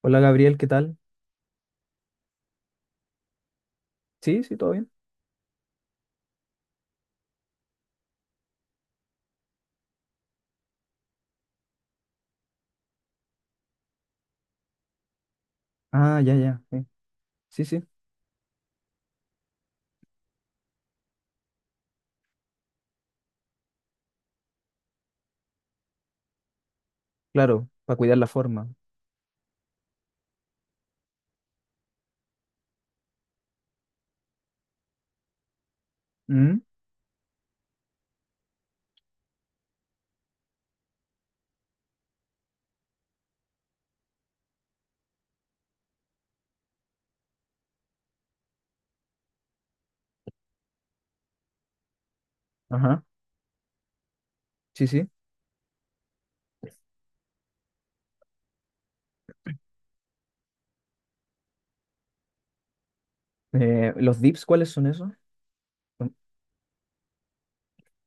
Hola Gabriel, ¿qué tal? Sí, sí, todo bien. Ah, ya, ya. Sí, sí, sí, claro, para cuidar la forma. Mm, ajá, sí, sí. ¿Los dips cuáles son esos? Mm,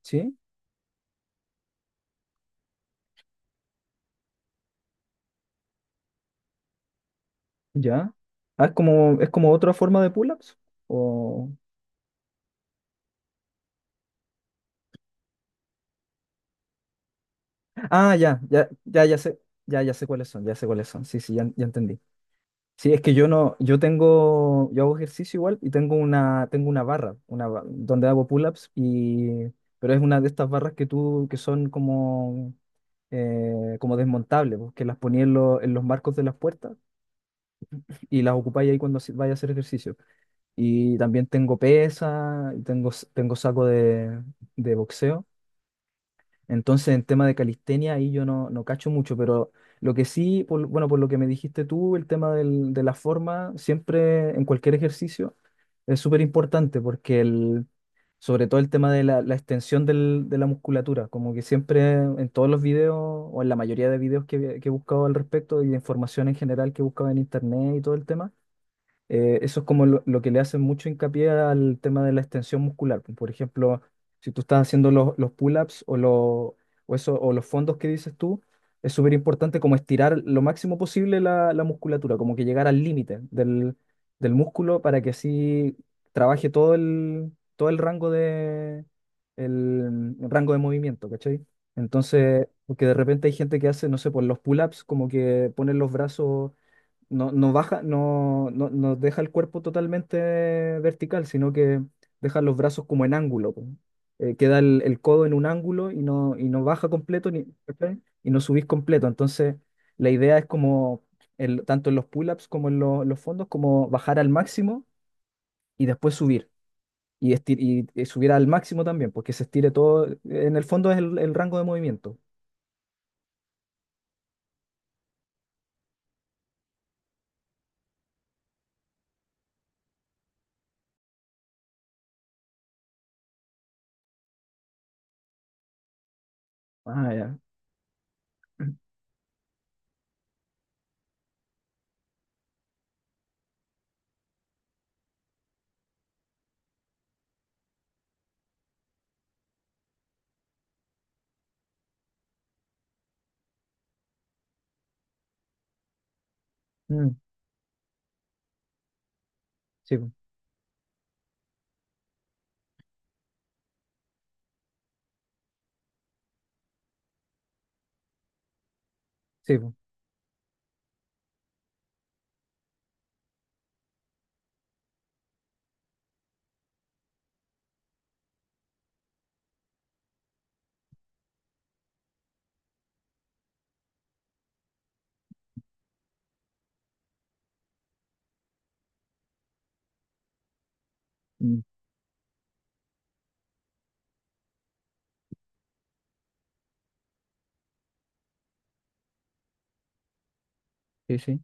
sí, ya. Ah, es como otra forma de pull-ups. O... Ah, ya, ya, ya, ya sé cuáles son, ya sé cuáles son. Sí, sí, ya, ya entendí. Sí, es que yo no, yo tengo, yo hago ejercicio igual y tengo una barra, donde hago pull-ups y, pero es una de estas barras que tú, que son como, como desmontables, pues, que las ponía en los marcos de las puertas y las ocupáis ahí cuando vaya a hacer ejercicio. Y también tengo pesa, y tengo saco de boxeo. Entonces, en tema de calistenia, ahí yo no, no cacho mucho, pero lo que sí, bueno, por lo que me dijiste tú, el tema de la forma, siempre en cualquier ejercicio, es súper importante porque el, sobre todo el tema de la, la extensión de la musculatura, como que siempre en todos los videos o en la mayoría de videos que he buscado al respecto y de información en general que he buscado en internet y todo el tema, eso es como lo que le hacen mucho hincapié al tema de la extensión muscular, pues. Por ejemplo, si tú estás haciendo los, pull-ups o, o, eso, o los fondos que dices tú, es súper importante como estirar lo máximo posible la musculatura, como que llegar al límite del músculo para que así trabaje todo el rango de, rango de movimiento, ¿cachai? Entonces, porque de repente hay gente que hace, no sé, por los pull-ups, como que ponen los brazos no, no baja, no, no, no deja el cuerpo totalmente vertical, sino que deja los brazos como en ángulo, po. Queda el, codo en un ángulo y no baja completo ni, ¿cachai? Y no subís completo. Entonces, la idea es como, tanto en los pull-ups como en los fondos, como bajar al máximo y después subir. Y, y subir al máximo también, porque se estire todo. En el fondo es el rango de movimiento. Ah, ya. Mm, sí, po, sí, po. Mm, sí, sí.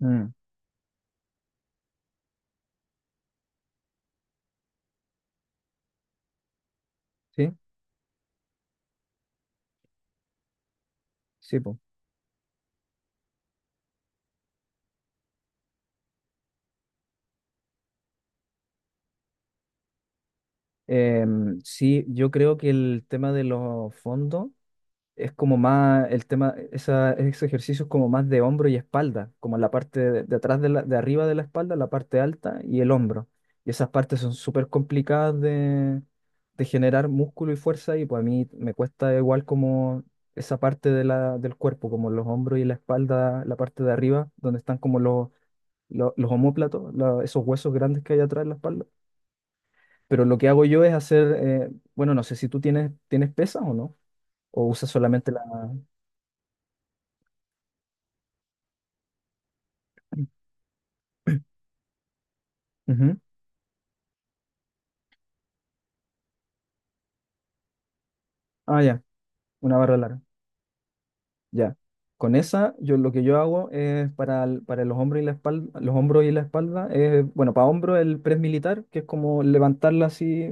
Mm, sí, sí, po. Sí, yo creo que el tema de los fondos es como más, el tema, ese ejercicio es como más de hombro y espalda, como la parte de atrás de, la, de arriba de la espalda, la parte alta y el hombro. Y esas partes son súper complicadas de generar músculo y fuerza, y pues a mí me cuesta igual como esa parte de la, del cuerpo, como los hombros y la espalda, la parte de arriba, donde están como los, los omóplatos, esos huesos grandes que hay atrás de la espalda. Pero lo que hago yo es hacer, bueno, no sé si tú tienes pesas o no, o usas solamente la... Ujú. Ah, ya, una barra larga, ya. Con esa, yo lo que yo hago es para, para los hombros y la espalda, los hombros y la espalda, es, bueno, para hombros el press militar, que es como levantarla así,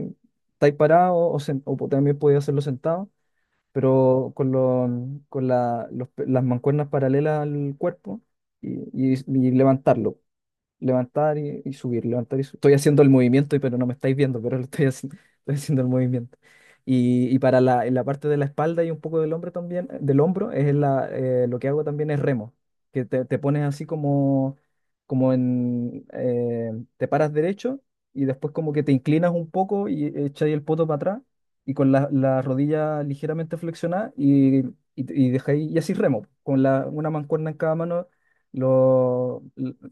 estáis parado, o, también podéis hacerlo sentado, pero con, lo con la- los pe- las mancuernas paralelas al cuerpo y, y levantarlo. Levantar y subir, levantar y subir. Estoy haciendo el movimiento, pero no me estáis viendo, pero lo estoy haciendo, estoy haciendo el movimiento. Y para la, en la parte de la espalda y un poco del hombro también, del hombro, es lo que hago también es remo, que te pones así como, como en, eh, te paras derecho y después como que te inclinas un poco y echáis el poto para atrás y con la, la rodilla ligeramente flexionada y, y dejáis, y así remo, con una mancuerna en cada mano lo,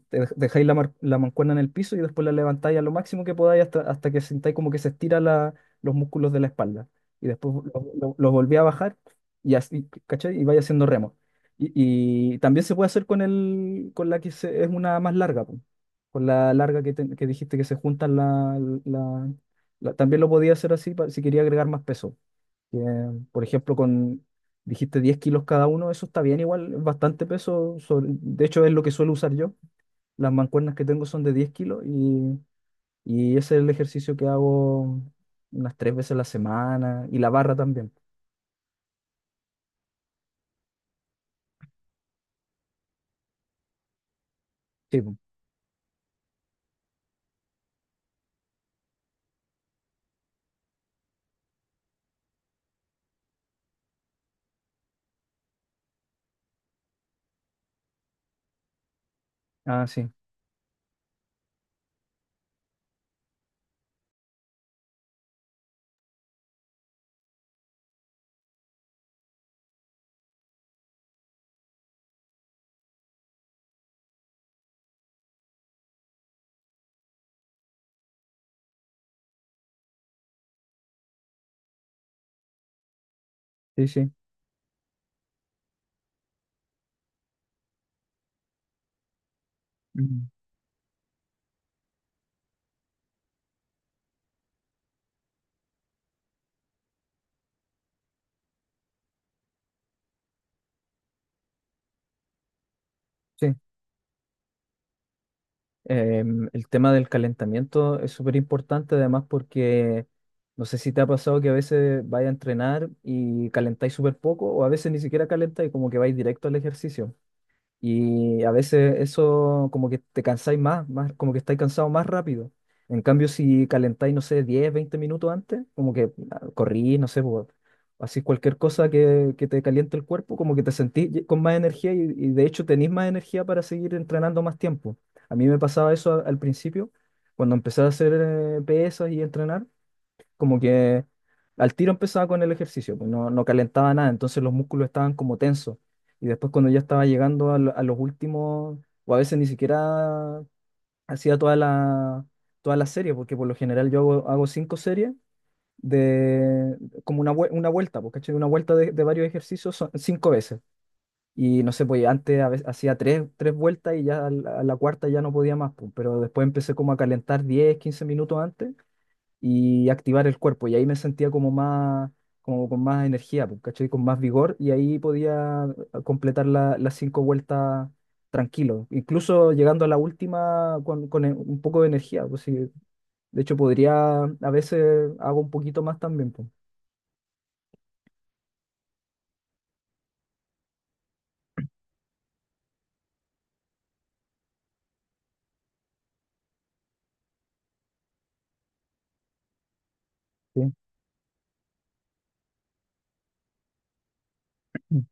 dejáis la mancuerna en el piso y después la levantáis a lo máximo que podáis hasta que sintáis como que se estira los músculos de la espalda. Y después lo volví a bajar y así, ¿cachai? Y vais haciendo remo. Y, y también se puede hacer con la es una más larga, po. Con la larga que dijiste que se juntan la- también lo podía hacer así si quería agregar más peso. Que, por ejemplo, dijiste 10 kilos cada uno, eso está bien igual, es bastante peso. De hecho, es lo que suelo usar yo. Las mancuernas que tengo son de 10 kilos y ese es el ejercicio que hago unas 3 veces a la semana y la barra también. Sí, po. Ah, sí, sí, sí. Mm, sí. El tema del calentamiento es súper importante además porque no sé si te ha pasado que a veces vais a entrenar y calentáis súper poco o a veces ni siquiera calentáis, como que vais directo al ejercicio. Y a veces eso como que te cansáis más, como que estáis cansados más rápido. En cambio, si calentáis, no sé, 10, 20 minutos antes, como que ah, corrís, no sé, pues, así cualquier cosa que te caliente el cuerpo, como que te sentís con más energía y, de hecho tenís más energía para seguir entrenando más tiempo. A mí me pasaba eso al principio, cuando empecé a hacer pesas y entrenar, como que al tiro empezaba con el ejercicio, pues no, no calentaba nada, entonces los músculos estaban como tensos. Y después cuando ya estaba llegando a, a los últimos, o a veces ni siquiera hacía toda la serie, porque por lo general yo hago, hago cinco series de como una, una vuelta, pues, ¿cachai? Una vuelta de varios ejercicios son cinco veces. Y no sé, pues antes a veces hacía tres vueltas y ya a la cuarta ya no podía más, pues, pero después empecé como a calentar 10, 15 minutos antes y activar el cuerpo. Y ahí me sentía como más, como con más energía, pues, ¿cachai? Con más vigor y ahí podía completar las cinco vueltas tranquilo. Incluso llegando a la última con, un poco de energía, pues sí. De hecho, podría, a veces hago un poquito más también, pues. Sí, mm.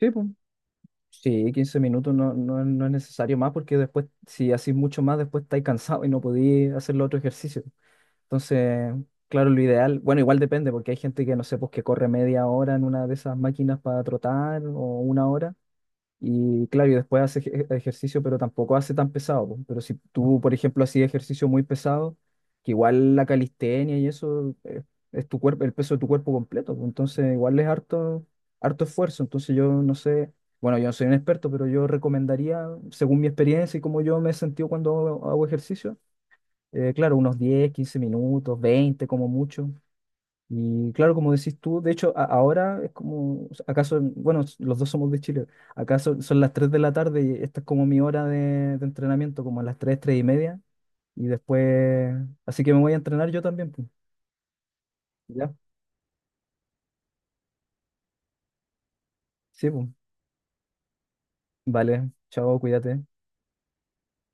Sí, pues. Sí, 15 minutos no, no, no es necesario más porque después, si haces mucho más, después estáis cansado y no podéis hacer los otro ejercicio. Entonces, claro, lo ideal, bueno, igual depende, porque hay gente que no sé, pues que corre media hora en una de esas máquinas para trotar o una hora. Y claro, y después hace ejercicio, pero tampoco hace tan pesado, po. Pero si tú, por ejemplo, hacías ejercicio muy pesado, que igual la calistenia y eso, es, tu cuerpo, el peso de tu cuerpo completo, po. Entonces, igual es harto, harto esfuerzo. Entonces, yo no sé, bueno, yo no soy un experto, pero yo recomendaría, según mi experiencia y como yo me he sentido cuando hago ejercicio, claro, unos 10, 15 minutos, 20 como mucho. Y claro, como decís tú, de hecho, ahora es como, acaso, bueno, los dos somos de Chile, acaso son las 3 de la tarde y esta es como mi hora de entrenamiento, como a las 3, 3 y media. Y después, así que me voy a entrenar yo también, pues. ¿Ya? Sí, pues. Vale, chao, cuídate.